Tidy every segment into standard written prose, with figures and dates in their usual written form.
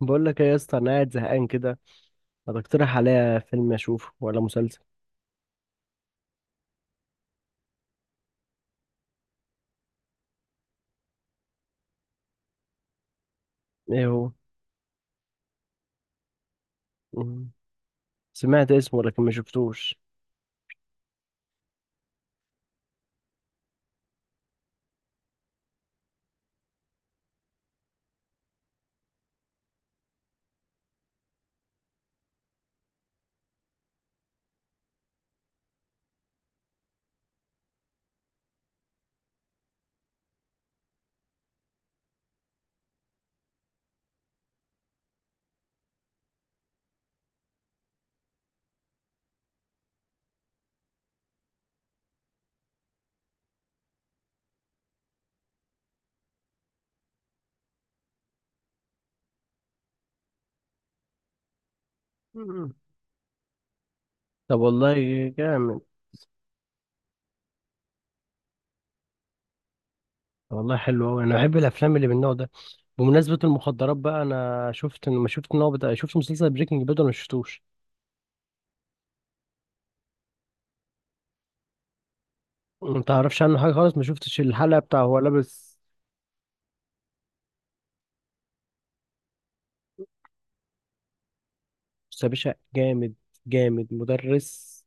بقول لك ايه يا اسطى، انا قاعد زهقان كده. ما تقترح عليا فيلم اشوفه ولا مسلسل؟ ايه هو؟ مم. سمعت اسمه لكن ما شفتوش. مم. طب والله. جامد. والله حلو قوي، انا بحب الافلام اللي من النوع ده. بمناسبه المخدرات بقى، انا شفت مسلسل بريكنج باد ولا ما شفتوش؟ ما تعرفش عنه حاجه خالص؟ ما شفتش الحلقه بتاع هو لابس؟ بص يا باشا، جامد جامد مدرس.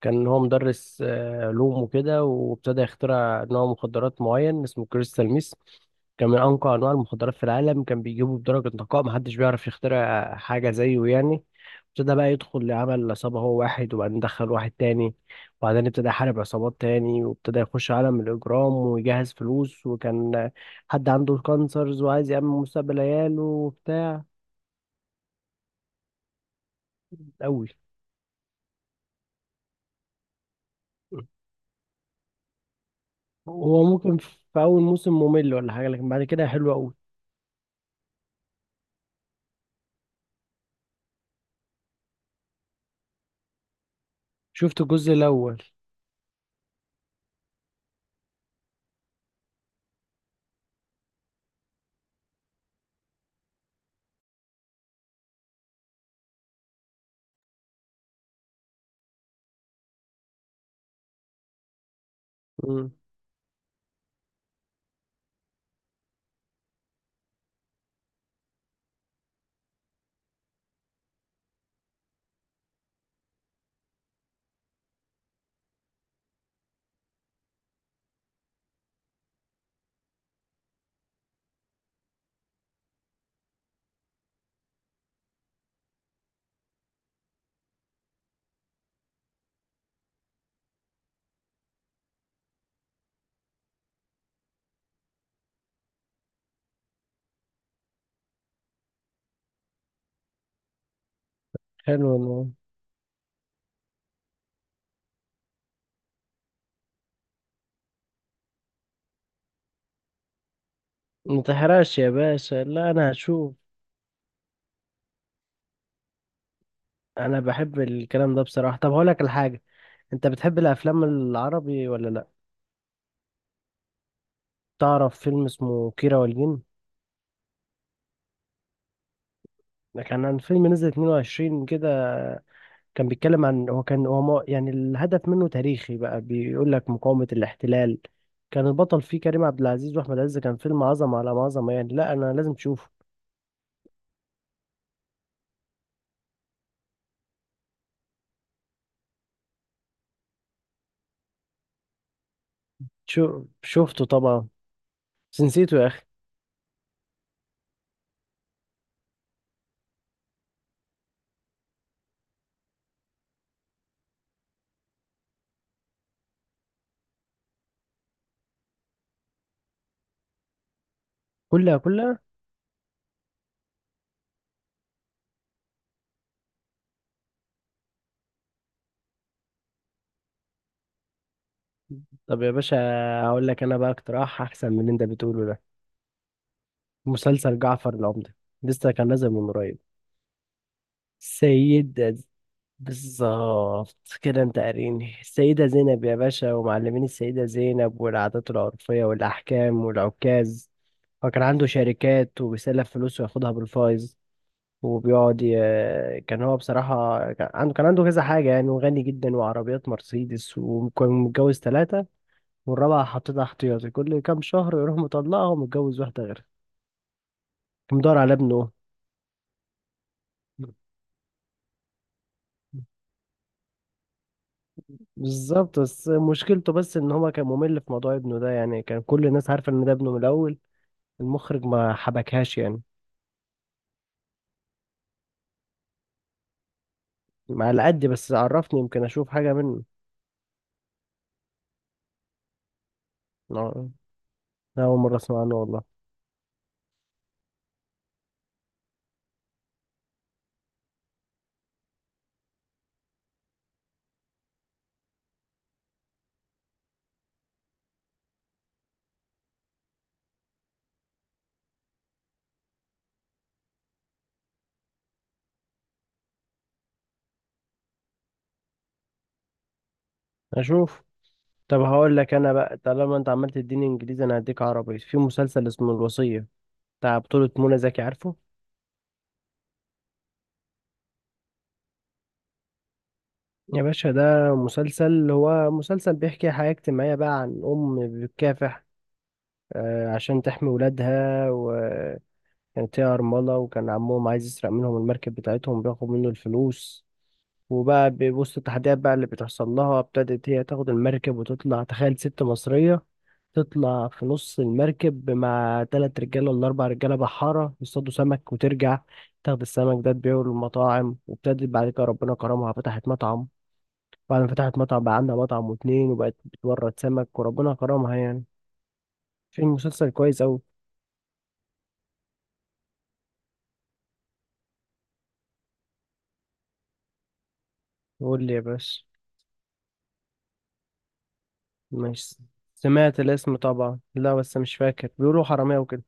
كان هو مدرس علوم وكده، وابتدى يخترع نوع مخدرات معين اسمه كريستال ميس. كان من أنقى أنواع المخدرات في العالم، كان بيجيبه بدرجة نقاء محدش بيعرف يخترع حاجة زيه يعني. ابتدى بقى يدخل لعمل عصابة هو واحد، وبعدين دخل واحد تاني، وبعدين ابتدى يحارب عصابات تاني وابتدى يخش عالم الإجرام ويجهز فلوس، وكان حد عنده كانسرز وعايز يأمن مستقبل عياله وبتاع. أوي. هو ممكن في اول موسم ممل ولا حاجه، لكن بعد كده حلو قوي. شفت الجزء الاول. امم. حلو والله. ما تحرقش يا باشا، لا انا هشوف. انا بحب الكلام ده بصراحه. طب هقول لك الحاجه، انت بتحب الافلام العربي ولا لا؟ تعرف فيلم اسمه كيرة والجن؟ ده كان عن فيلم نزل 22 كده، كان بيتكلم عن، هو كان هو مو- يعني الهدف منه تاريخي بقى، بيقول لك مقاومه الاحتلال. كان البطل فيه كريم عبد العزيز واحمد عز، كان فيلم عظمه على عظمه يعني، لا انا لازم تشوفه. شو شفته طبعا، بس نسيته يا اخي. كلها كلها. طب يا باشا، هقول لك انا بقى اقتراح احسن من اللي انت بتقوله ده، مسلسل جعفر العمدة، لسه كان نازل من قريب. سيدة ز- بالظبط كده، انت قاريني السيدة زينب يا باشا، ومعلمين السيدة زينب والعادات العرفية والأحكام والعكاز، وكان عنده شركات وبيسلف فلوس وياخدها بالفايز، وبيقعد كان هو بصراحة، كان عنده كذا حاجة يعني، وغني جدا وعربيات مرسيدس، وكان متجوز ثلاثة، والرابعة حطيتها احتياطي، كل كام شهر يروح مطلقها ومتجوز واحدة غيرها. كان مدور على ابنه. بالظبط، بس مشكلته بس ان هو كان ممل في موضوع ابنه ده، يعني كان كل الناس عارفة ان ده ابنه من الاول، المخرج ما حبكهاش يعني. على قد، بس عرفني يمكن اشوف حاجة منه. أنا أول مرة اسمع عنه والله. اشوف. طب هقول لك انا بقى، طالما انت عمال تديني انجليزي انا هديك عربي، في مسلسل اسمه الوصية، بتاع بطولة منى زكي، عارفه؟ يا باشا ده مسلسل، هو مسلسل بيحكي حياة اجتماعية بقى عن ام بتكافح عشان تحمي ولادها، وكانت هي أرملة، وكان عمهم عايز يسرق منهم المركب بتاعتهم بياخد منه الفلوس. وبقى بوسط التحديات بقى اللي بتحصل لها، ابتدت هي تاخد المركب وتطلع، تخيل ست مصرية تطلع في نص المركب مع تلات رجالة ولا أربع رجالة بحارة يصطادوا سمك، وترجع تاخد السمك ده تبيعه للمطاعم، وابتدت بعد كده ربنا كرمها فتحت مطعم، بعد ما فتحت مطعم بقى عندها مطعم واتنين، وبقت بتورد سمك وربنا كرمها يعني، في مسلسل كويس أوي. قول لي يا باشا. ماشي. سمعت الاسم طبعا، لا بس مش فاكر، بيقولوا حرامية وكده.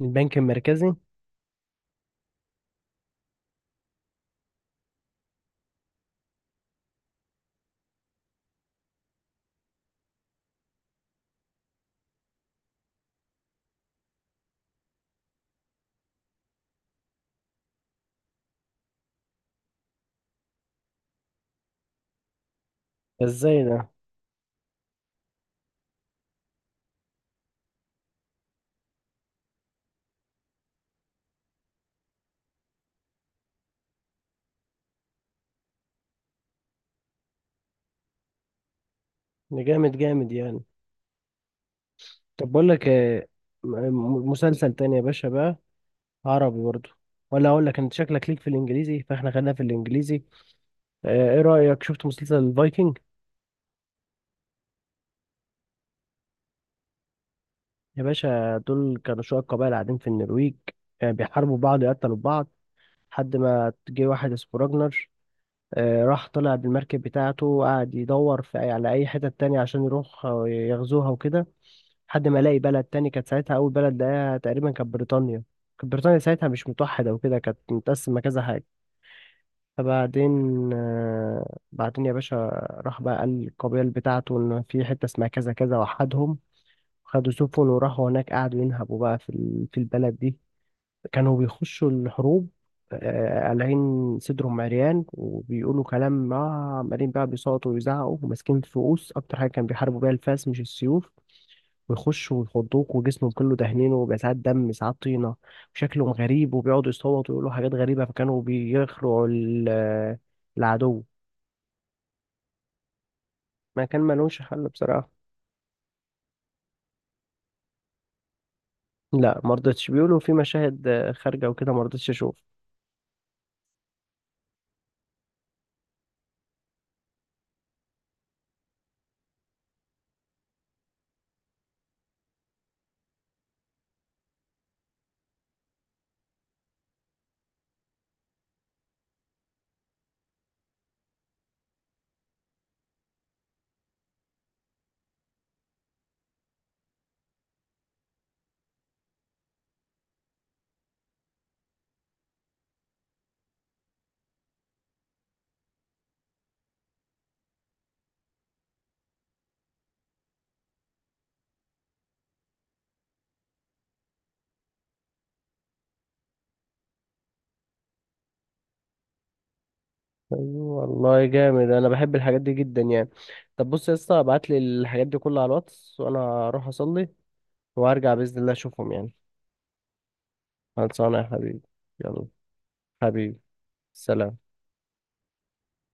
البنك المركزي؟ ده ازاي ده؟ ده جامد جامد يعني. طب بقول لك إيه، مسلسل تاني يا باشا بقى، عربي برضو، ولا اقول لك انت شكلك ليك في الانجليزي، فاحنا خلينا في الانجليزي. ايه رأيك، شفت مسلسل الفايكنج؟ يا باشا دول كانوا شوية قبائل قاعدين في النرويج، بيحاربوا بعض يقتلوا بعض، لحد ما جه واحد اسمه راجنر. راح طلع بالمركب بتاعته وقعد يدور على اي حتة تانية عشان يروح يغزوها وكده، لحد ما لاقي بلد تاني، كانت ساعتها اول بلد لقاها تقريبا كانت بريطانيا. كانت بريطانيا ساعتها مش متوحدة وكده، كانت متقسمة كذا. فبعدين آه، بعدين يا باشا، راح بقى قال للقبيل بتاعته إن في حتة اسمها كذا كذا وحدهم، خدوا سفن وراحوا هناك، قعدوا ينهبوا بقى في البلد دي. كانوا بيخشوا الحروب قالعين صدرهم عريان وبيقولوا كلام ما، عمالين بقى بيصوتوا ويزعقوا وماسكين فؤوس، أكتر حاجة كان بيحاربوا بيها الفاس مش السيوف، ويخشوا ويخضوك وجسمه كله دهنين وبيبقى ساعات دم ساعات طينة، وشكلهم غريب وبيقعدوا يصوتوا ويقولوا حاجات غريبة، فكانوا بيخرعوا العدو. ما كان ملوش حل بصراحة. لا مرضتش، بيقولوا في مشاهد خارجة وكده، مرضتش أشوف. أيوة والله جامد، أنا بحب الحاجات دي جدا يعني. طب بص يا اسطى ابعت لي الحاجات دي كلها على الواتس، وأنا هروح أصلي وهرجع بإذن الله أشوفهم يعني. خلصانة يا حبيبي. يلا. حبيبي. سلام.